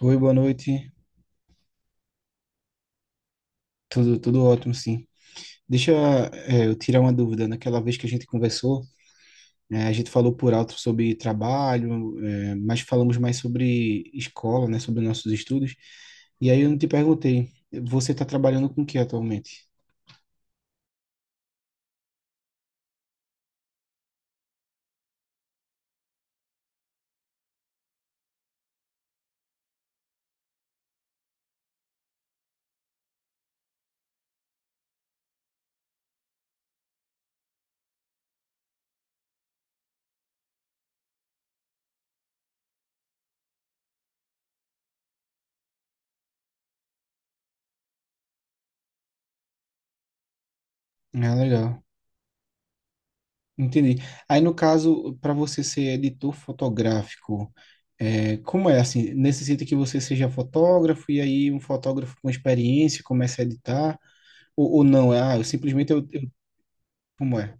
Oi, boa noite. Tudo ótimo, sim. Deixa, eu tirar uma dúvida. Naquela vez que a gente conversou, a gente falou por alto sobre trabalho, mas falamos mais sobre escola, né, sobre nossos estudos. E aí eu não te perguntei, você está trabalhando com o que atualmente? Ah, legal. Entendi. Aí, no caso, para você ser editor fotográfico, como é assim? Necessita que você seja fotógrafo e aí um fotógrafo com experiência começa a editar? Ou não, eu simplesmente eu Como é?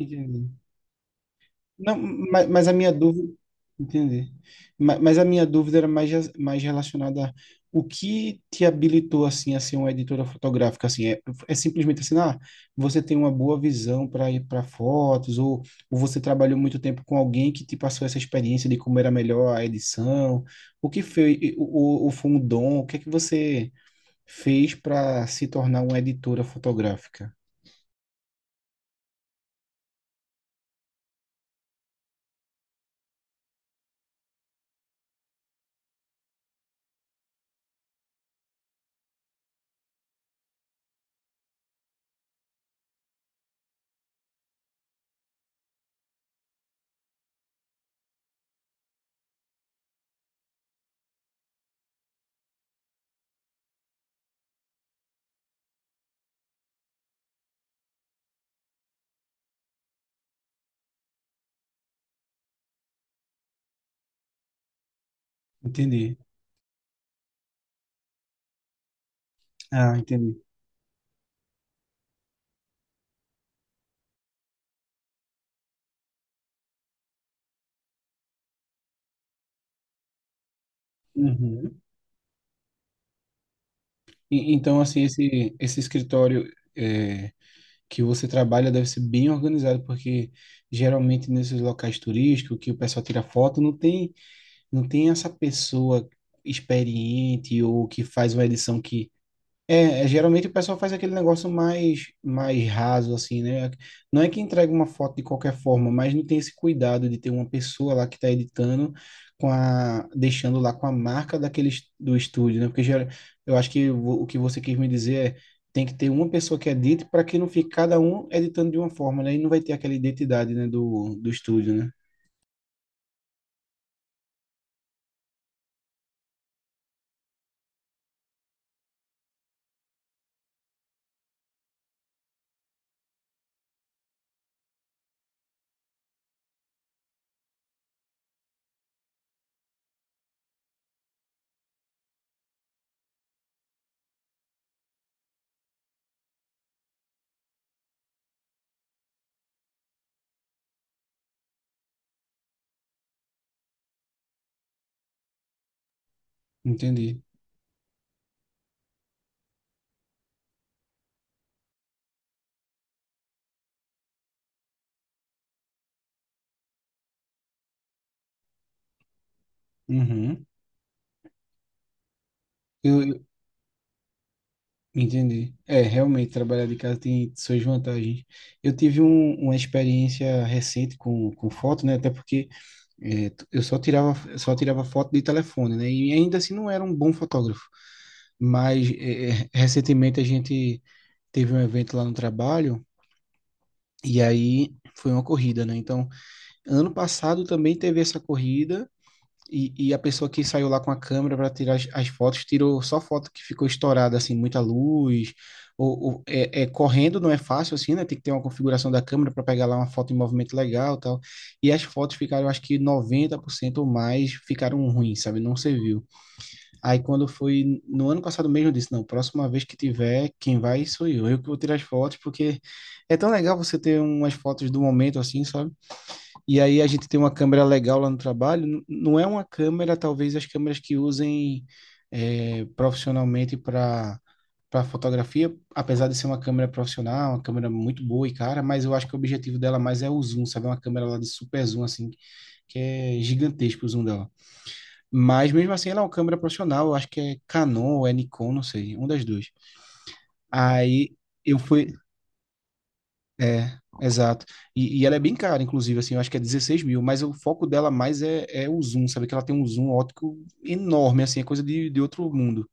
Entendi. Não, mas a minha dúvida. Entendi. Mas a minha dúvida era mais relacionada a o que te habilitou assim a ser uma editora fotográfica, assim é simplesmente assim, você tem uma boa visão para ir para fotos, ou você trabalhou muito tempo com alguém que te passou essa experiência de como era melhor a edição? O que foi? O foi um dom? O que é que você fez para se tornar uma editora fotográfica? Entendi. Ah, entendi. Uhum. Então, assim, esse escritório é, que você trabalha deve ser bem organizado, porque geralmente nesses locais turísticos que o pessoal tira foto, não tem essa pessoa experiente ou que faz uma edição que, geralmente o pessoal faz aquele negócio mais, mais raso, assim, né? Não é que entrega uma foto de qualquer forma, mas não tem esse cuidado de ter uma pessoa lá que está editando, deixando lá com a marca daquele, do estúdio, né? Porque eu acho que o que você quis me dizer é, tem que ter uma pessoa que edite para que não fique cada um editando de uma forma, né? E não vai ter aquela identidade, né, do estúdio, né? Entendi. Uhum. Entendi. É, realmente, trabalhar de casa tem suas vantagens. Eu tive uma experiência recente com foto, né? Até porque eu só tirava foto de telefone, né? E ainda assim não era um bom fotógrafo. Mas recentemente a gente teve um evento lá no trabalho e aí foi uma corrida, né? Então, ano passado também teve essa corrida e a pessoa que saiu lá com a câmera para tirar as fotos, tirou só foto que ficou estourada, assim, muita luz. Correndo não é fácil, assim, né? Tem que ter uma configuração da câmera para pegar lá uma foto em movimento legal e tal. E as fotos ficaram, eu acho que 90% ou mais ficaram ruins, sabe? Não serviu. Aí quando foi no ano passado mesmo, eu disse, não, próxima vez que tiver, quem vai sou eu. Eu que vou tirar as fotos, porque é tão legal você ter umas fotos do momento, assim, sabe? E aí a gente tem uma câmera legal lá no trabalho. Não é uma câmera, talvez as câmeras que usem profissionalmente para fotografia, apesar de ser uma câmera profissional, uma câmera muito boa e cara, mas eu acho que o objetivo dela mais é o zoom, sabe? É uma câmera lá de super zoom, assim, que é gigantesco o zoom dela. Mas mesmo assim, ela é uma câmera profissional, eu acho que é Canon ou é Nikon, não sei, um das duas. Aí eu fui, é, exato. E ela é bem cara, inclusive, assim, eu acho que é 16.000, mas o foco dela mais é o zoom, sabe? Que ela tem um zoom óptico enorme, assim, é coisa de outro mundo.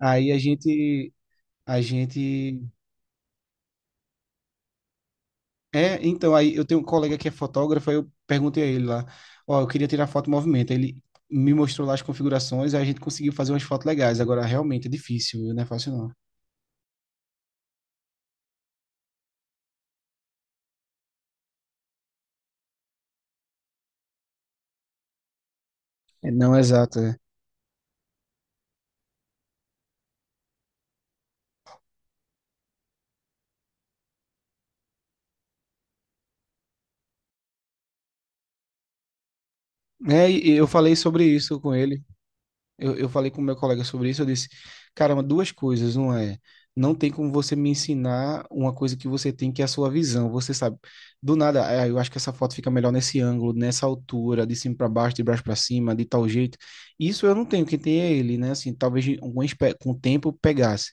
Aí a gente... É, então, aí eu tenho um colega que é fotógrafo, aí eu perguntei a ele lá, ó, eu queria tirar foto em movimento, aí ele me mostrou lá as configurações, aí a gente conseguiu fazer umas fotos legais, agora realmente é difícil, viu? Não é fácil não. É, não, exato, é. É, e eu falei sobre isso com ele. Eu falei com o meu colega sobre isso, eu disse, caramba, duas coisas, não é? Não tem como você me ensinar uma coisa que você tem, que é a sua visão, você sabe. Do nada, "Ah, eu acho que essa foto fica melhor nesse ângulo, nessa altura, de cima para baixo, de baixo para cima, de tal jeito. Isso eu não tenho, quem tem é ele, né? Assim, talvez algum com o tempo pegasse.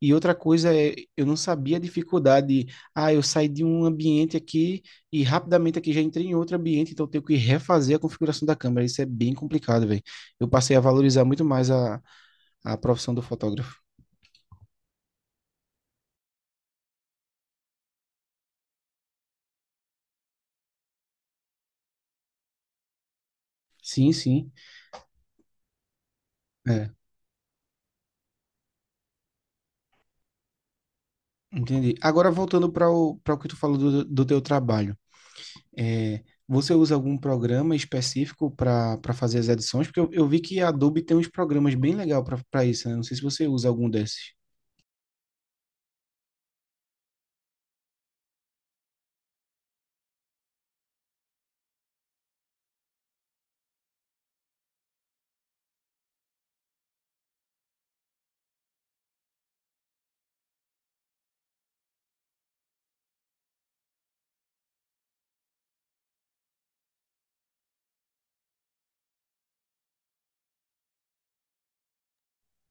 E outra coisa é, eu não sabia a dificuldade, eu saí de um ambiente aqui e rapidamente aqui já entrei em outro ambiente, então eu tenho que refazer a configuração da câmera. Isso é bem complicado, velho. Eu passei a valorizar muito mais a profissão do fotógrafo. Sim, sim. É, entendi. Agora, voltando para o, que tu falou do teu trabalho. É, você usa algum programa específico para fazer as edições? Porque eu vi que a Adobe tem uns programas bem legais para isso, né? Não sei se você usa algum desses.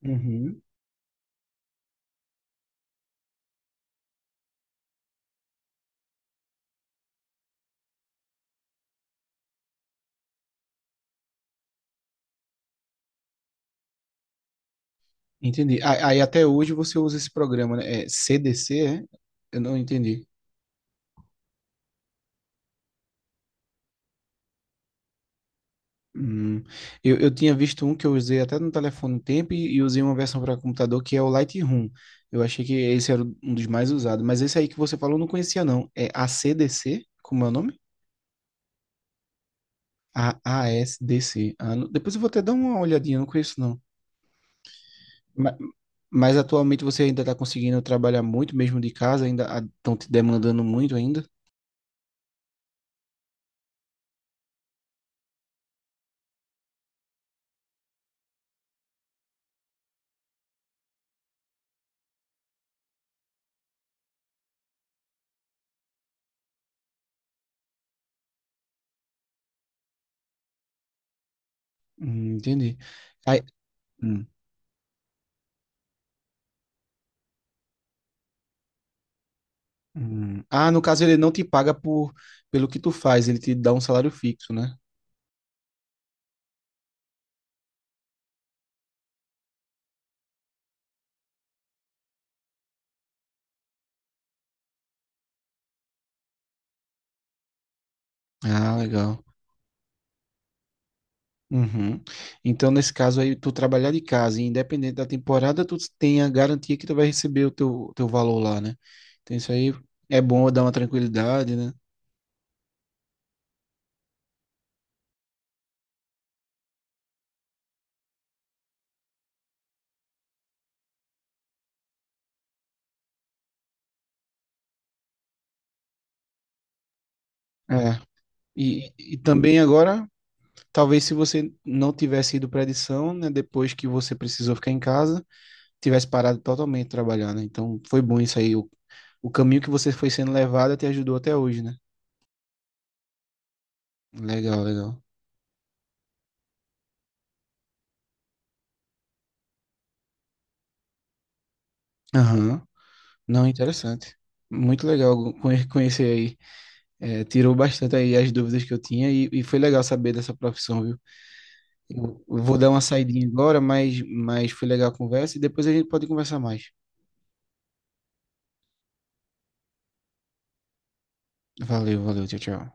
Uhum. Entendi. Aí até hoje você usa esse programa, né? É CDC, é? Eu não entendi. Hum, eu tinha visto um que eu usei até no telefone um tempo e usei uma versão para computador que é o Lightroom. Eu achei que esse era um dos mais usados, mas esse aí que você falou eu não conhecia não. É A C ACDC, como é o nome? A AASDC. Ah, depois eu vou até dar uma olhadinha, eu não conheço não. Ma- Mas, atualmente você ainda está conseguindo trabalhar muito mesmo de casa, ainda estão te demandando muito ainda? Entendi. Aí- hum. Hum. Ah, no caso ele não te paga pelo que tu faz, ele te dá um salário fixo, né? Ah, legal. Uhum. Então, nesse caso aí, tu trabalhar de casa, e independente da temporada, tu tem a garantia que tu vai receber o teu valor lá, né? Então, isso aí é bom dar uma tranquilidade, né? É. E também agora, talvez se você não tivesse ido para edição, né, depois que você precisou ficar em casa, tivesse parado totalmente de trabalhar, né? Então, foi bom isso aí. O caminho que você foi sendo levado te ajudou até hoje, né? Legal, legal. Aham. Não, interessante. Muito legal conhecer aí. É, tirou bastante aí as dúvidas que eu tinha e foi legal saber dessa profissão, viu? Eu vou dar uma saidinha agora, mas foi legal a conversa e depois a gente pode conversar mais. Valeu, valeu, tchau, tchau.